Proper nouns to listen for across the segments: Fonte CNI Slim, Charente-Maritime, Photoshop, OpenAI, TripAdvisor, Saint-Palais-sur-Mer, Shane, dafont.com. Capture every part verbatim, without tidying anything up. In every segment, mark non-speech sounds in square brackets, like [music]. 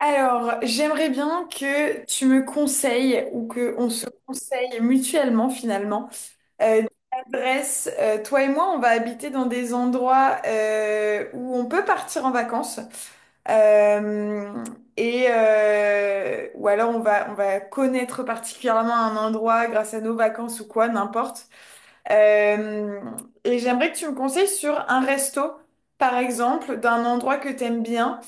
Alors, j'aimerais bien que tu me conseilles ou que on se conseille mutuellement finalement euh, des adresses. Euh, toi et moi, on va habiter dans des endroits euh, où on peut partir en vacances Euh, et euh, ou alors on va on va connaître particulièrement un endroit grâce à nos vacances ou quoi, n'importe. Euh, et j'aimerais que tu me conseilles sur un resto, par exemple, d'un endroit que t'aimes bien,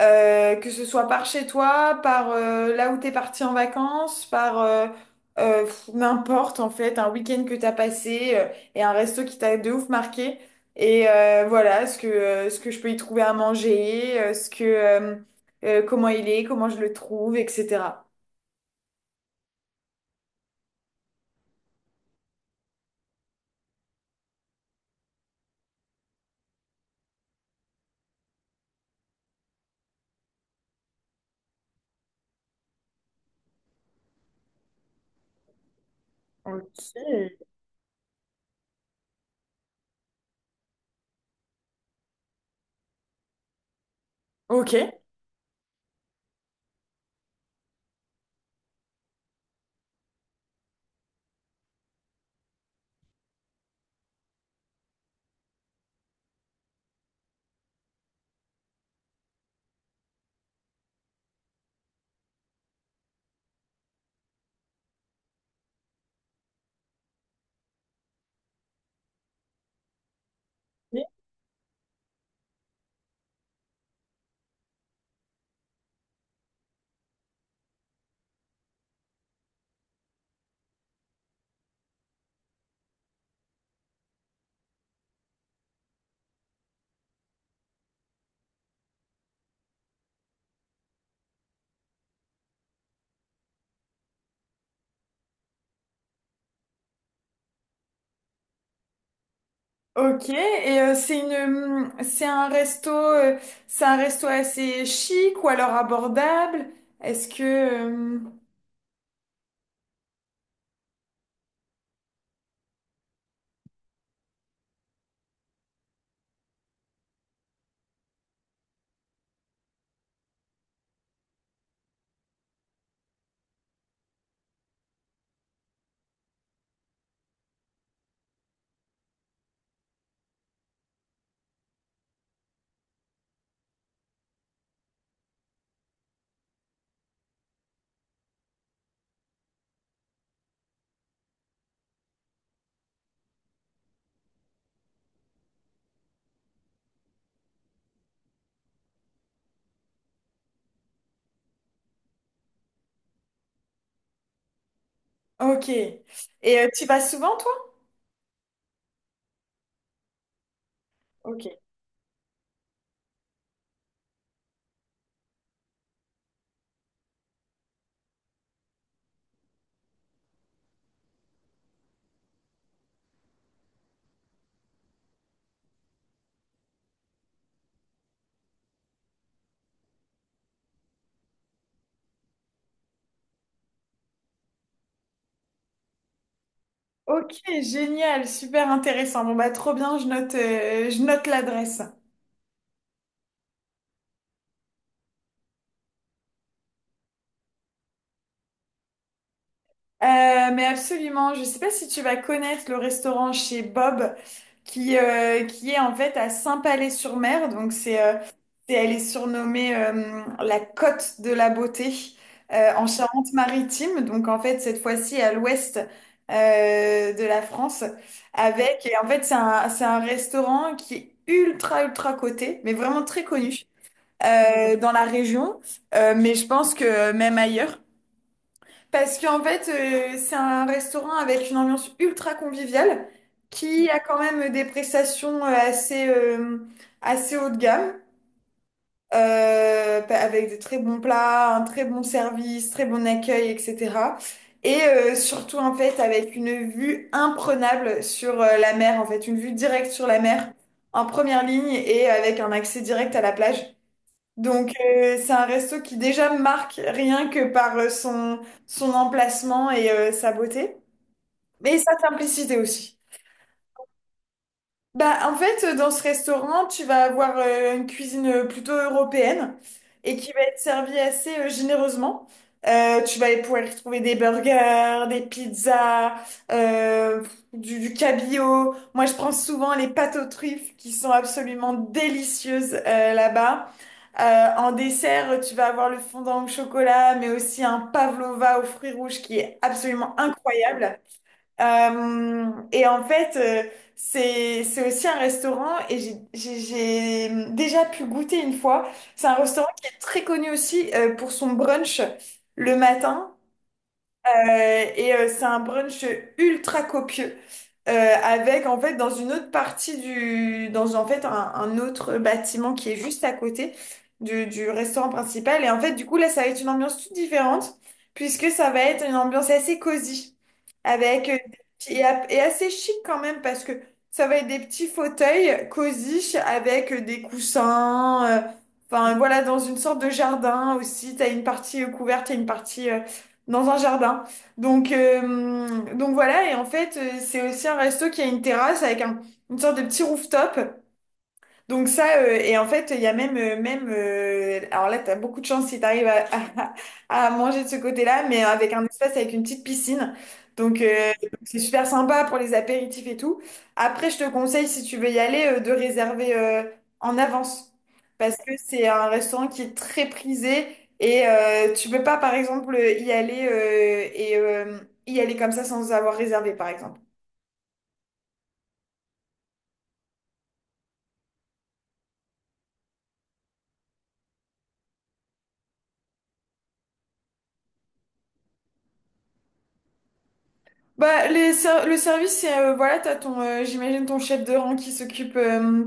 euh, que ce soit par chez toi, par euh, là où t'es parti en vacances, par euh, euh, pff, n'importe en fait, un week-end que t'as passé euh, et un resto qui t'a de ouf marqué. Et euh, voilà, ce que, euh, ce que je peux y trouver à manger, euh, ce que, euh, euh, comment il est, comment je le trouve, et cetera. Ok. Ok. Ok, et euh, c'est une, hum, c'est un resto, euh, c'est un resto assez chic ou alors abordable. Est-ce que, hum, ok. Et euh, tu vas souvent, toi? Ok. Ok, génial, super intéressant. Bon bah trop bien, je note, euh, je note l'adresse. Euh, mais absolument, je ne sais pas si tu vas connaître le restaurant chez Bob qui, euh, qui est en fait à Saint-Palais-sur-Mer. Donc c'est, euh, c'est- elle est surnommée euh, la Côte de la Beauté euh, en Charente-Maritime. Donc en fait cette fois-ci à l'ouest euh, de la France avec et en fait c'est un, c'est un restaurant qui est ultra ultra coté mais vraiment très connu euh, dans la région. Euh, mais je pense que même ailleurs. Parce qu'en fait, euh, c'est un restaurant avec une ambiance ultra conviviale qui a quand même des prestations euh, assez, euh, assez haut de gamme, euh, pa- avec des très bons plats, un très bon service, très bon accueil, et cetera. Et euh, surtout, en fait, avec une vue imprenable sur euh, la mer, en fait, une vue directe sur la mer en première ligne et avec un accès direct à la plage. Donc, euh, c'est un resto qui déjà marque rien que par euh, son, son emplacement et euh, sa beauté, mais sa simplicité aussi. Bah, en fait, euh, dans ce restaurant, tu vas avoir euh, une cuisine euh, plutôt européenne et qui va être servie assez euh, généreusement. Euh, tu vas pouvoir y trouver des burgers, des pizzas, euh, du, du cabillaud. Moi, je prends souvent les pâtes aux truffes qui sont absolument délicieuses euh, là-bas. Euh, en dessert, tu vas avoir le fondant au chocolat, mais aussi un pavlova aux fruits rouges qui est absolument incroyable. Euh, et en fait, euh, c'est c'est aussi un restaurant et j'ai j'ai- j'ai déjà pu goûter une fois. C'est un restaurant qui est très connu aussi euh, pour son brunch le matin. Euh, et euh, c'est un brunch ultra copieux euh, avec en fait dans une autre partie du dans en fait un, un autre bâtiment qui est juste à côté du, du restaurant principal et en fait du coup là ça va être une ambiance toute différente puisque ça va être une ambiance assez cosy avec euh, et, a- et assez chic quand même parce que ça va être des petits fauteuils cosy avec euh, des coussins euh, enfin voilà dans une sorte de jardin aussi t'as une partie euh, couverte t'as une partie euh, dans un jardin donc, euh, donc voilà, et en fait, euh, c'est aussi un resto qui a une terrasse avec un- une sorte de petit rooftop. Donc ça, euh, et en fait, il y a même, euh, même euh, alors là, tu as beaucoup de chance si tu arrives à, [laughs] à, manger de ce côté-là, mais avec un espace avec une petite piscine. Donc euh, donc c'est super sympa pour les apéritifs et tout. Après, je te conseille, si tu veux y aller, euh, de réserver euh, en avance. Parce que c'est un restaurant qui est très prisé et euh, tu peux pas, par exemple, y aller euh, et euh, y aller comme ça sans avoir réservé, par exemple. Bah, les ser- le service, c'est euh, voilà, t'as ton, euh, j'imagine ton chef de rang qui s'occupe euh,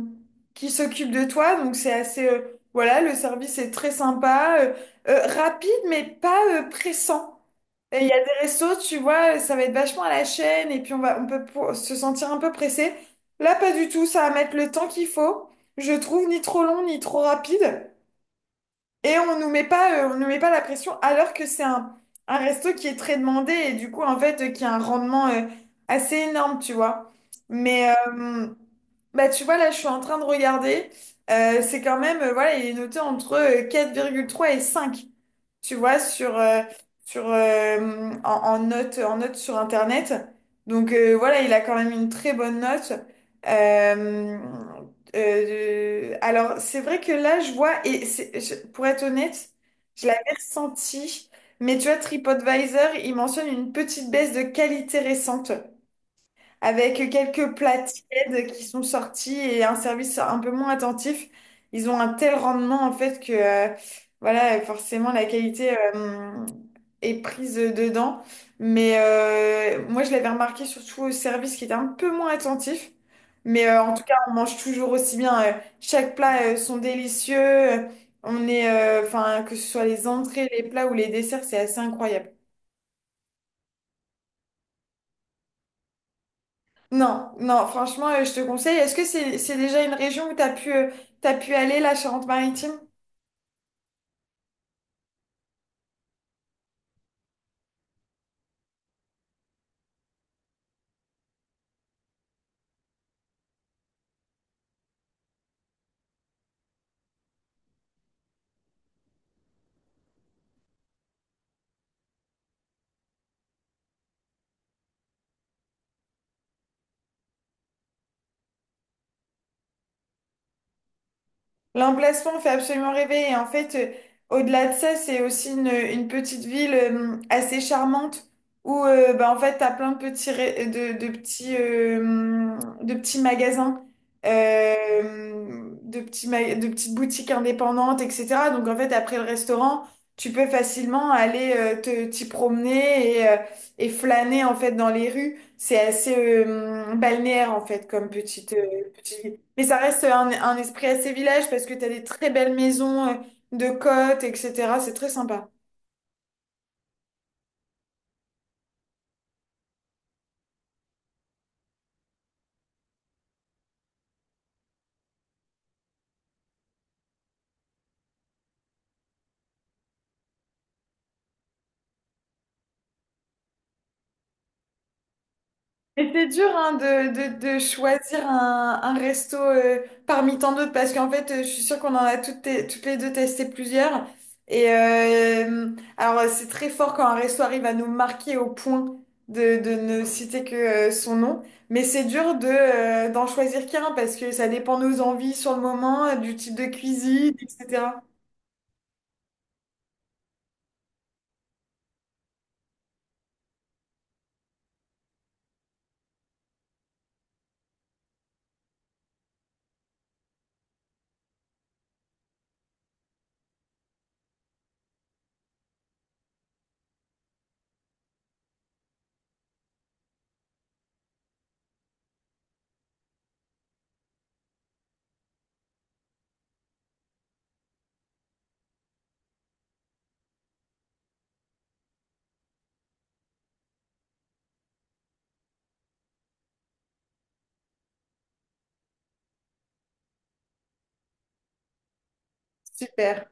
qui s'occupe de toi, donc c'est assez euh, voilà, le service est très sympa, euh, euh, rapide mais pas euh, pressant. Et Il y a des restos, tu vois, ça va être vachement à la chaîne et puis on va on peut pour- se sentir un peu pressé. Là, pas du tout, ça va mettre le temps qu'il faut, je trouve, ni trop long ni trop rapide. Et on nous met pas, euh, on nous met pas la pression alors que c'est un, un resto qui est très demandé et du coup, en fait, euh, qui a un rendement euh, assez énorme, tu vois. Mais euh, bah, tu vois, là, je suis en train de regarder. Euh, c'est quand même, euh, voilà, il est noté entre euh, quatre virgule trois et cinq, tu vois, sur, euh, sur, euh, en, en note, en note sur Internet. Donc euh, voilà, il a quand même une très bonne note. Euh, euh, alors, c'est vrai que là, je vois, et c'est- je- pour être honnête, je l'avais ressenti, mais tu vois, TripAdvisor, il mentionne une petite baisse de qualité récente avec quelques plats tièdes qui sont sortis et un service un peu moins attentif. Ils ont un tel rendement en fait que euh, voilà, forcément la qualité euh, est prise dedans. Mais euh, moi je l'avais remarqué surtout au service qui était un peu moins attentif. Mais euh, en tout cas, on mange toujours aussi bien. Euh, chaque plat euh, sont délicieux. On est, euh, enfin, que ce soit les entrées, les plats ou les desserts, c'est assez incroyable. Non, non, franchement, euh, je te conseille. Est-ce que c'est c'est déjà une région où t'as pu, euh, t'as pu aller, la Charente-Maritime? L'emplacement fait absolument rêver. Et en fait, euh, au-delà de ça, c'est aussi une, une petite ville euh, assez charmante où euh, bah, en fait, tu as plein de petits, ré- de, de petits, euh, de petits magasins, euh, de petits ma- de petites boutiques indépendantes, et cetera. Donc en fait, après le restaurant, tu peux facilement aller euh, te, t'y promener et, euh, et flâner en fait dans les rues. C'est assez euh, balnéaire en fait comme petite, euh, petite ville. Mais ça reste un, un esprit assez village parce que t'as des très belles maisons euh, de côte, et cetera. C'est très sympa. Et c'est dur hein, de, de, de choisir un, un resto euh, parmi tant d'autres parce qu'en fait, euh, je suis sûre qu'on en a toutes, te- toutes les deux testé plusieurs. Et euh, alors, euh, c'est très fort quand un resto arrive à nous marquer au point de, de ne citer que euh, son nom. Mais c'est dur de, euh, d'en choisir qu'un parce que ça dépend de nos envies sur le moment, euh, du type de cuisine, et cetera. Super.